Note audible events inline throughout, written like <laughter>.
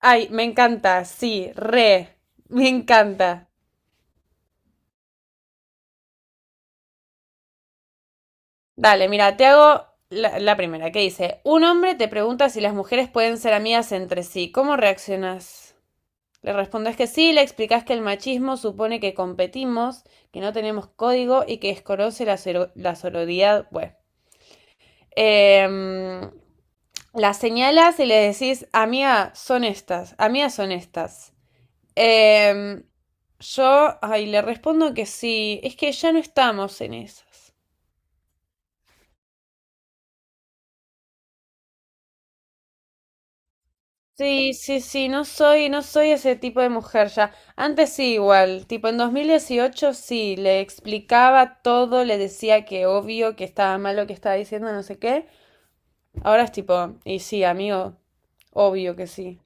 Ay, me encanta, sí, me encanta. Dale, mira, te hago la primera, que dice, un hombre te pregunta si las mujeres pueden ser amigas entre sí, ¿cómo reaccionas? Le respondes que sí, le explicas que el machismo supone que competimos, que no tenemos código y que desconoce la sororidad. Bueno, Em, la señalas y le decís, amiga, son estas, amigas son estas. Em, Ay, le respondo que sí, es que ya no estamos en esas. Sí, sí, sí, no soy ese tipo de mujer ya. Antes sí, igual, tipo en 2018 sí, le explicaba todo, le decía que obvio, que estaba mal lo que estaba diciendo, no sé qué. Ahora es tipo, y sí, amigo, obvio que sí.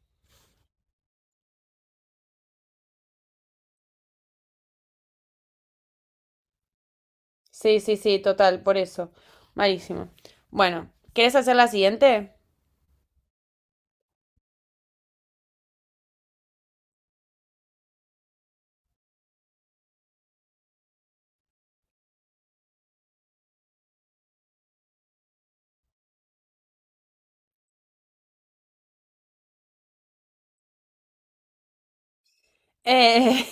Sí, sí, sí, total, por eso. Malísimo. Bueno, ¿quieres hacer la siguiente? Eh,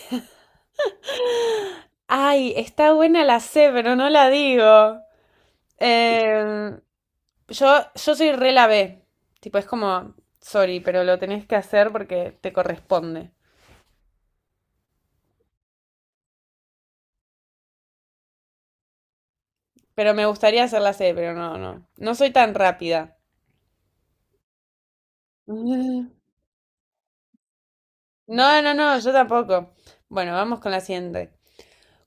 <laughs> Ay, está buena la C, pero no la digo. Eh, yo, yo soy re la B. Tipo, es como, sorry, pero lo tenés que hacer porque te corresponde. Pero me gustaría hacer la C, pero no, no. No soy tan rápida. <laughs> Mm. No, no, no, yo tampoco. Bueno, vamos con la siguiente.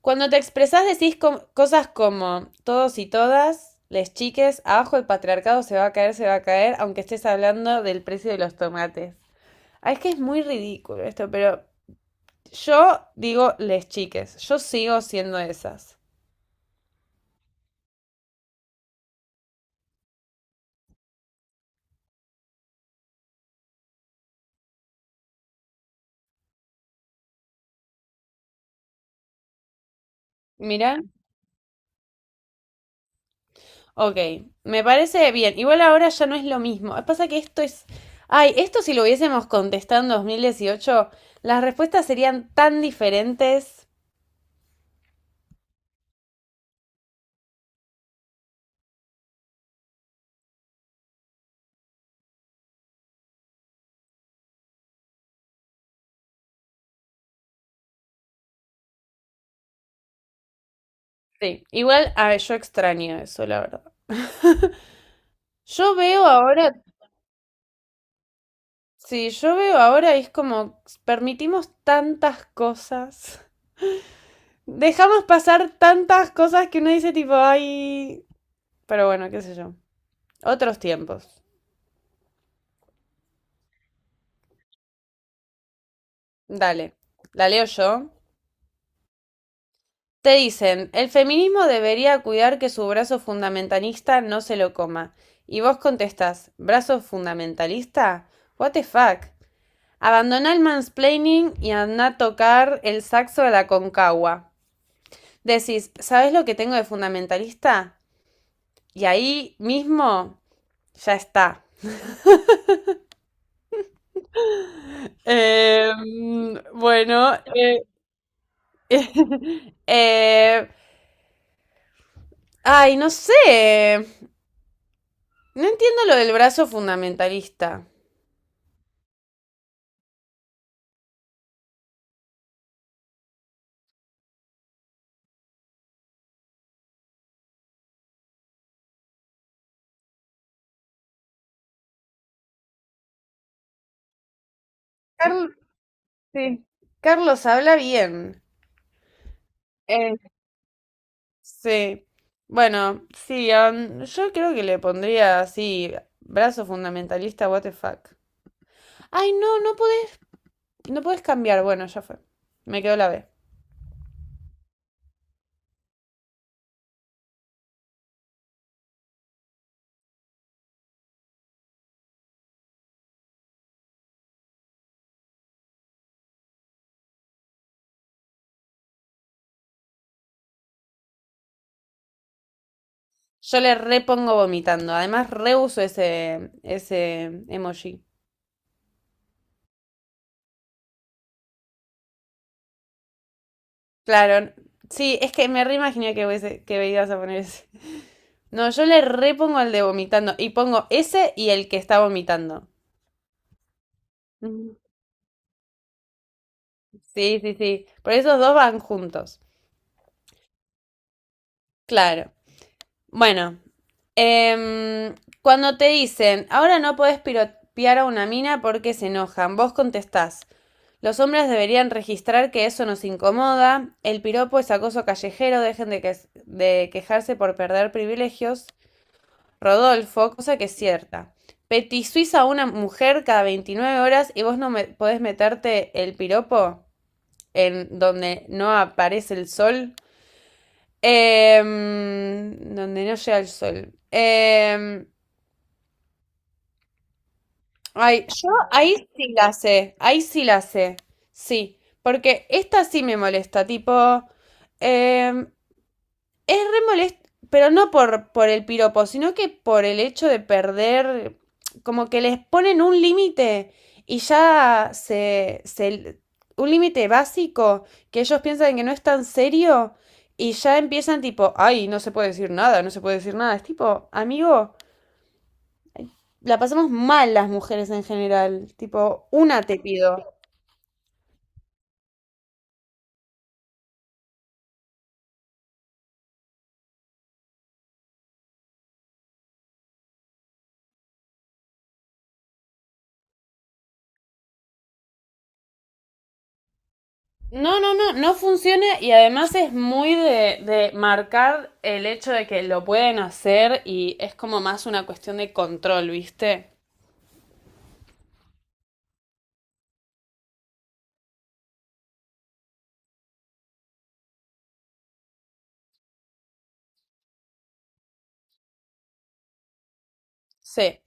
Cuando te expresás decís cosas como todos y todas, les chiques, abajo el patriarcado se va a caer, se va a caer, aunque estés hablando del precio de los tomates. Ah, es que es muy ridículo esto, pero yo digo les chiques, yo sigo siendo esas. Mirá, ok, me parece bien. Igual ahora ya no es lo mismo. Pasa que esto es... Ay, esto si lo hubiésemos contestado en 2018, las respuestas serían tan diferentes. Sí, igual a yo extraño eso, la verdad. Yo veo ahora, sí, yo veo ahora es como permitimos tantas cosas. <laughs> Dejamos pasar tantas cosas que uno dice tipo, ay, pero bueno, qué sé yo. Otros tiempos. Dale, la leo yo. Te dicen, el feminismo debería cuidar que su brazo fundamentalista no se lo coma. Y vos contestás, ¿brazo fundamentalista? What the fuck? Abandoná el mansplaining y andá a tocar el saxo de la concagua. Decís, ¿sabés lo que tengo de fundamentalista? Y ahí mismo ya está. Eh, bueno, <laughs> eh, eh, ay, no sé. No entiendo lo del brazo fundamentalista. Carl- sí. Carlos habla bien. Eh, sí. Bueno, sí, yo creo que le pondría así, brazo fundamentalista, what the fuck. Ay, no, no podés, no podés cambiar. Bueno, ya fue. Me quedó la B. Yo le repongo vomitando. Además, reuso ese emoji. Claro, sí, es que me reimaginé que ibas a poner ese. No, yo le repongo el de vomitando y pongo ese y el que está vomitando. Mm, sí, sí, sí. Por esos dos van juntos. Claro. Bueno, em, cuando te dicen, ahora no podés piropear a una mina porque se enojan, vos contestás, los hombres deberían registrar que eso nos incomoda, el piropo es acoso callejero, dejen de quejarse por perder privilegios. Rodolfo, cosa que es cierta. Petizuís a una mujer cada 29 horas y vos no me podés meterte el piropo en donde no aparece el sol. Donde no llega el sol. Ay, yo ahí sí la sé, ahí sí la sé. Sí, porque esta sí me molesta, tipo, em, es re molesto, pero no por el piropo, sino que por el hecho de perder, como que les ponen un límite y ya un límite básico que ellos piensan que no es tan serio y ya empiezan tipo, ay, no se puede decir nada, no se puede decir nada. Es tipo, amigo, la pasamos mal las mujeres en general, tipo, una te pido. No, no, no, no funciona y además es muy de marcar el hecho de que lo pueden hacer y es como más una cuestión de control, ¿viste? Sí.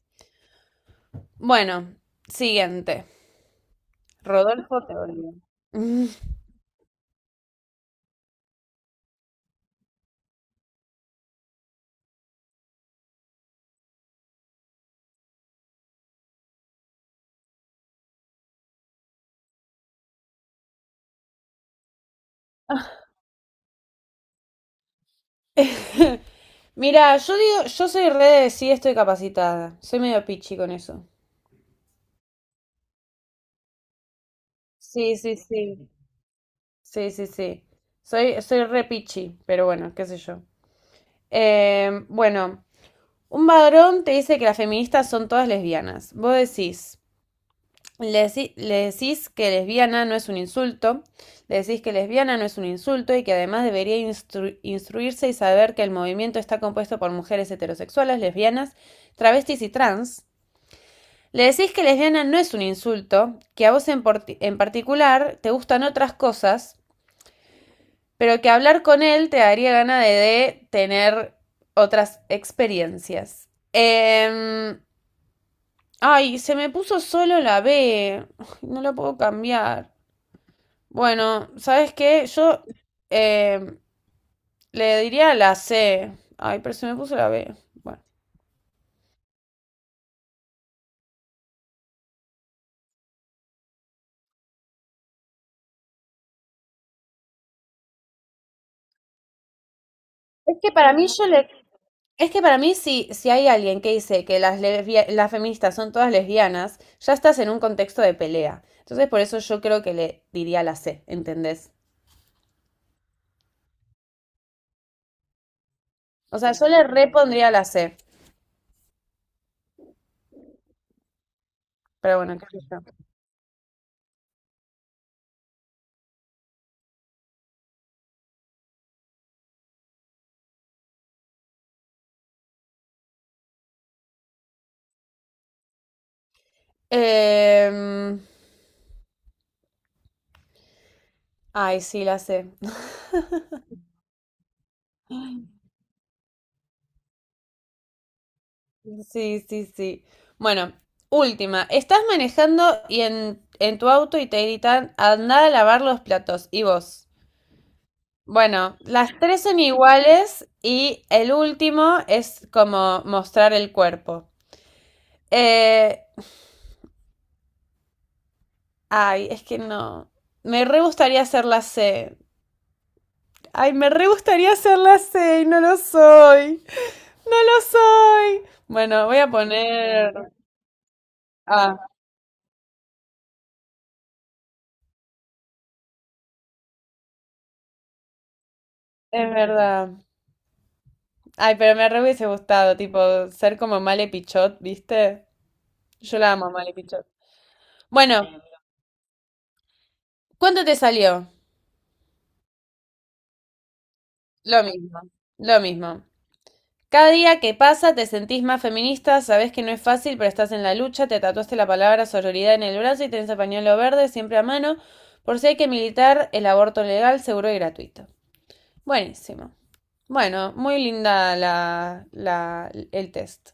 Bueno, siguiente. Rodolfo teoría. Mm. Mira, <laughs> yo digo, yo soy re de sí estoy capacitada. Soy medio pichi con eso. Sí, sí, sí. Sí, sí, sí. Soy re pichi, pero bueno, qué sé yo. Bueno, un varón te dice que las feministas son todas lesbianas. Vos decís. Le decís que lesbiana no es un insulto, le decís que lesbiana no es un insulto y que además debería instruirse y saber que el movimiento está compuesto por mujeres heterosexuales, lesbianas, travestis y trans. Le decís que lesbiana no es un insulto, que a vos en particular te gustan otras cosas, pero que hablar con él te daría gana de tener otras experiencias. Ay, se me puso solo la B. No la puedo cambiar. Bueno, ¿sabes qué? Yo eh, le diría la C. Ay, pero se me puso la B. Bueno. Es que para mí yo le... Es que para mí, si hay alguien que dice que las feministas son todas lesbianas, ya estás en un contexto de pelea. Entonces, por eso yo creo que le diría la C, ¿entendés? O sea, yo le repondría la C, pero bueno, qué sé yo. Em, ay, sí, la C. Sí, sí, sí. Bueno, última. Estás manejando y en tu auto y te gritan, andá a lavar los platos. Y vos. Bueno, las tres son iguales y el último es como mostrar el cuerpo. Eh, ay, es que no. Me re gustaría hacer la C. Ay, me re gustaría hacer la C y no lo soy. No lo soy. Bueno, voy a poner... Ah, es verdad. Ay, pero me re hubiese gustado, tipo, ser como Male Pichot, ¿viste? Yo la amo a Male Pichot. Bueno, ¿cuánto te salió? Lo mismo, lo mismo. Cada día que pasa te sentís más feminista, sabés que no es fácil, pero estás en la lucha, te tatuaste la palabra sororidad en el brazo y tenés el pañuelo verde siempre a mano, por si hay que militar el aborto legal, seguro y gratuito. Buenísimo. Bueno, muy linda el test.